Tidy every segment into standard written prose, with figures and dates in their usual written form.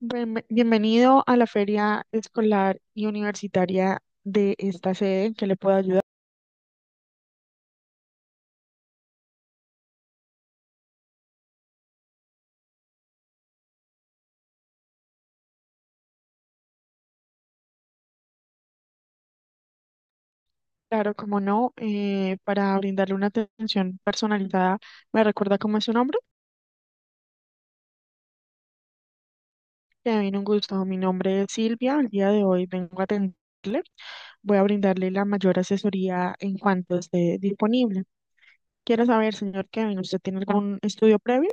Bienvenido a la feria escolar y universitaria de esta sede, ¿en qué le puedo ayudar? Claro, como no, para brindarle una atención personalizada, ¿me recuerda cómo es su nombre? Que bien, un gusto. Mi nombre es Silvia, el día de hoy vengo a atenderle. Voy a brindarle la mayor asesoría en cuanto esté disponible. Quiero saber, señor Kevin, ¿usted tiene algún estudio previo?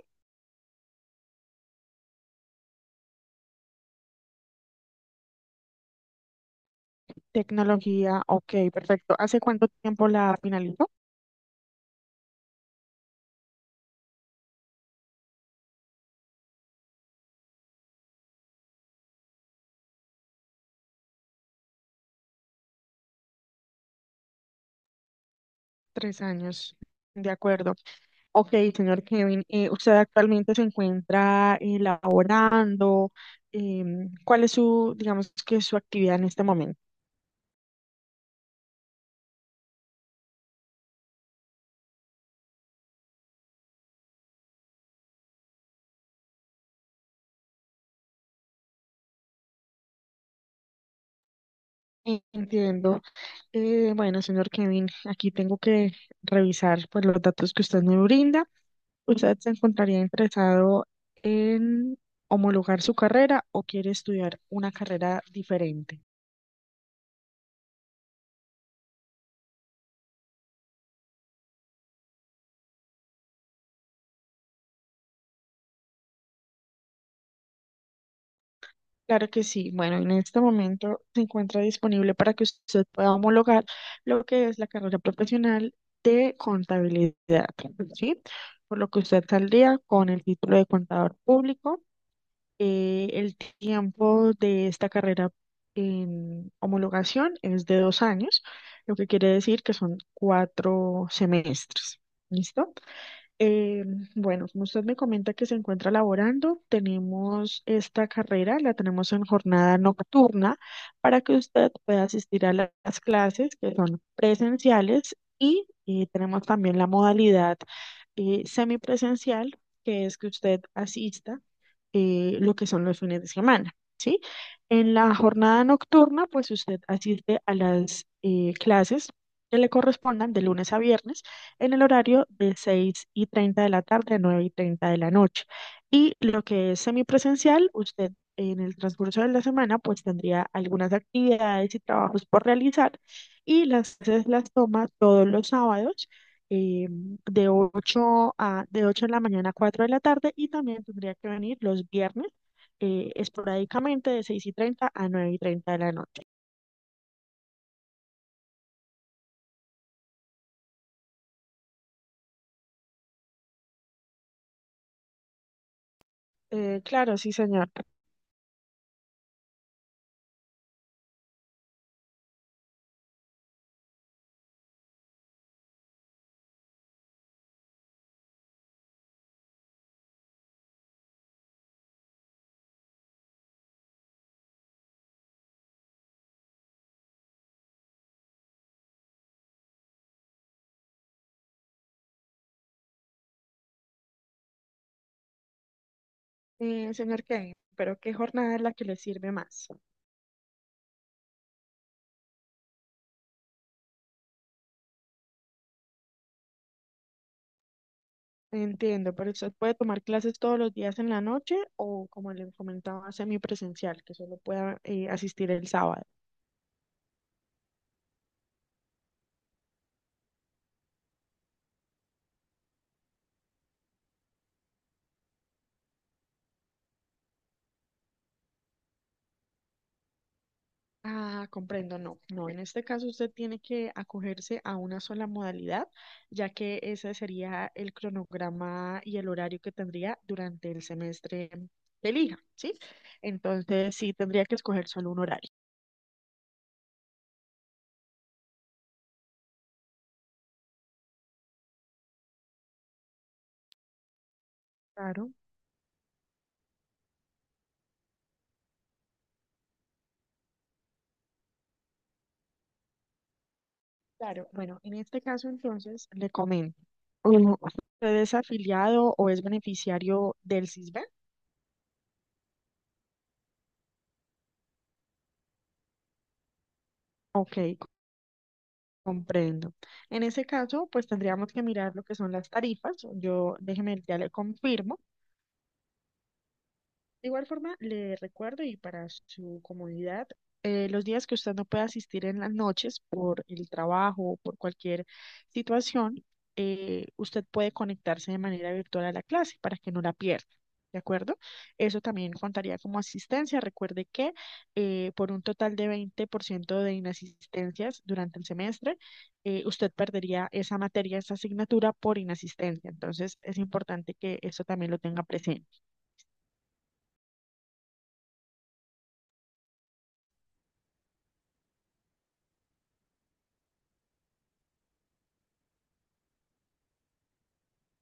Tecnología, ok, perfecto. ¿Hace cuánto tiempo la finalizó? Tres años, de acuerdo. Ok, señor Kevin, ¿usted actualmente se encuentra laborando? ¿Cuál es su, digamos que su actividad en este momento? Entiendo. Bueno, señor Kevin, aquí tengo que revisar pues, los datos que usted me brinda. ¿Usted se encontraría interesado en homologar su carrera o quiere estudiar una carrera diferente? Claro que sí. Bueno, en este momento se encuentra disponible para que usted pueda homologar lo que es la carrera profesional de contabilidad, ¿sí? Por lo que usted saldría con el título de contador público. El tiempo de esta carrera en homologación es de 2 años, lo que quiere decir que son cuatro semestres. ¿Listo? Eh, bueno, como usted me comenta que se encuentra laborando, tenemos esta carrera, la tenemos en jornada nocturna para que usted pueda asistir a las clases que son presenciales y, tenemos también la modalidad semipresencial, que es que usted asista lo que son los fines de semana. ¿Sí? En la jornada nocturna, pues usted asiste a las clases que le correspondan de lunes a viernes en el horario de 6:30 de la tarde a 9:30 de la noche. Y lo que es semipresencial, usted en el transcurso de la semana, pues tendría algunas actividades y trabajos por realizar y las clases las toma todos los sábados. eh, de de 8 de la mañana a 4 de la tarde y también tendría que venir los viernes esporádicamente de 6:30 a 9:30 de la noche. Claro, sí, señor. Señor Kevin, pero ¿qué jornada es la que le sirve más? Entiendo, pero usted puede tomar clases todos los días en la noche o, como le comentaba, semipresencial, que solo pueda asistir el sábado. Ah, comprendo, no, no, en este caso usted tiene que acogerse a una sola modalidad, ya que ese sería el cronograma y el horario que tendría durante el semestre que elija, ¿sí? Entonces sí tendría que escoger solo un horario. Claro, claro. Bueno, en este caso entonces le comento, mm, ¿usted es afiliado o es beneficiario del CISBEN? Ok, comprendo. En ese caso, pues tendríamos que mirar lo que son las tarifas. Yo, déjeme, ya le confirmo. De igual forma, le recuerdo y para su comodidad, los días que usted no pueda asistir en las noches por el trabajo o por cualquier situación, usted puede conectarse de manera virtual a la clase para que no la pierda. ¿De acuerdo? Eso también contaría como asistencia. Recuerde que por un total de 20% de inasistencias durante el semestre, usted perdería esa materia, esa asignatura por inasistencia. Entonces, es importante que eso también lo tenga presente.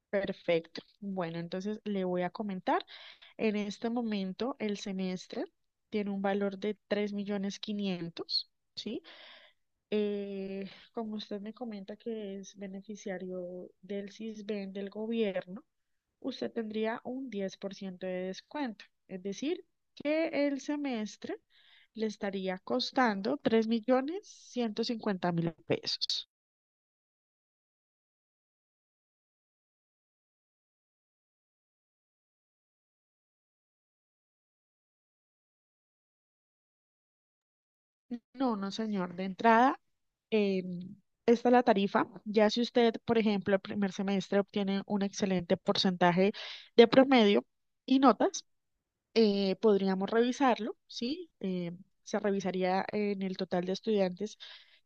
Perfecto. Bueno, entonces le voy a comentar. En este momento el semestre tiene un valor de 3.500.000, ¿sí? Como usted me comenta que es beneficiario del CISBEN del gobierno, usted tendría un 10% de descuento. Es decir, que el semestre le estaría costando $3.150.000. No, no, señor. De entrada, eh, esta es la tarifa. Ya si usted, por ejemplo, el primer semestre obtiene un excelente porcentaje de promedio y notas, podríamos revisarlo, ¿sí? Se revisaría en el total de estudiantes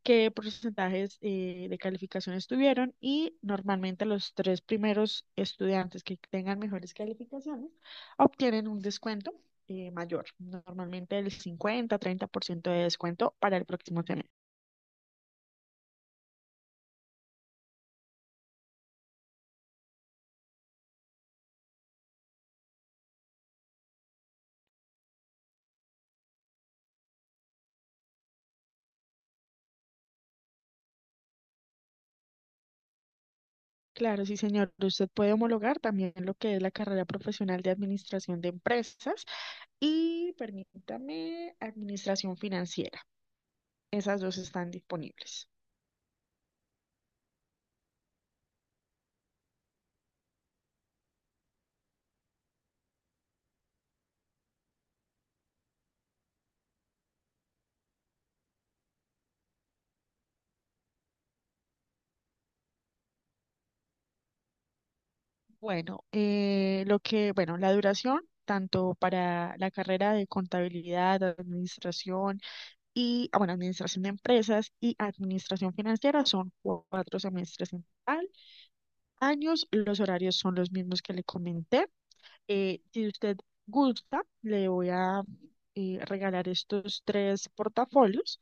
qué porcentajes de calificaciones tuvieron y normalmente los tres primeros estudiantes que tengan mejores calificaciones obtienen un descuento mayor, normalmente el 50-30% de descuento para el próximo semestre. Claro, sí, señor. Usted puede homologar también lo que es la carrera profesional de administración de empresas y permítame administración financiera. Esas dos están disponibles. Bueno, bueno, la duración, tanto para la carrera de contabilidad, administración y, ah, bueno, administración de empresas y administración financiera son cuatro semestres en total. Años, los horarios son los mismos que le comenté. Si usted gusta, le voy a regalar estos tres portafolios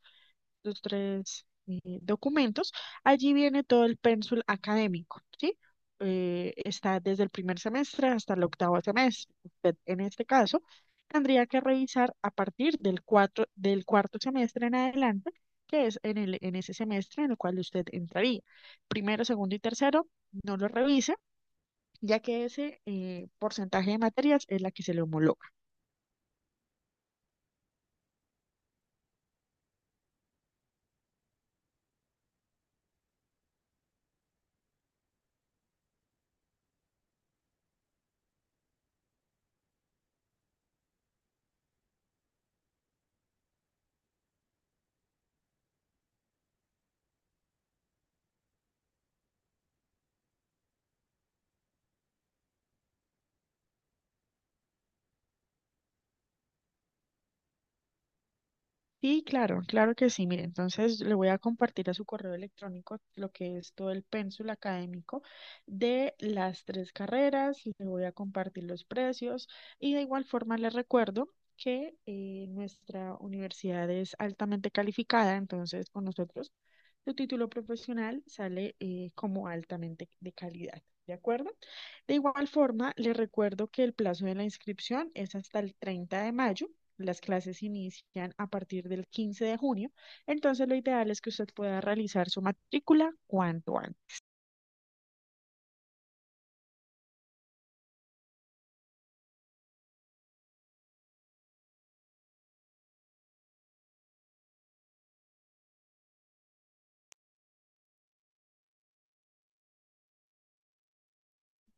los tres documentos, allí viene todo el pénsul académico, ¿sí? Está desde el primer semestre hasta el octavo semestre. Usted, en este caso, tendría que revisar a partir del cuarto semestre en adelante, que es en en ese semestre en el cual usted entraría. Primero, segundo y tercero, no lo revise, ya que ese porcentaje de materias es la que se le homologa. Sí, claro, claro que sí. Mire, entonces le voy a compartir a su correo electrónico lo que es todo el pénsul académico de las tres carreras, le voy a compartir los precios y de igual forma le recuerdo que nuestra universidad es altamente calificada, entonces con nosotros su título profesional sale como altamente de calidad. ¿De acuerdo? De igual forma, le recuerdo que el plazo de la inscripción es hasta el 30 de mayo. Las clases inician a partir del 15 de junio, entonces lo ideal es que usted pueda realizar su matrícula cuanto antes.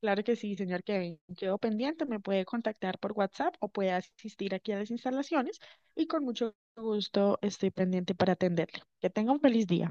Claro que sí, señor Kevin. Quedo pendiente, me puede contactar por WhatsApp o puede asistir aquí a las instalaciones y con mucho gusto estoy pendiente para atenderle. Que tenga un feliz día.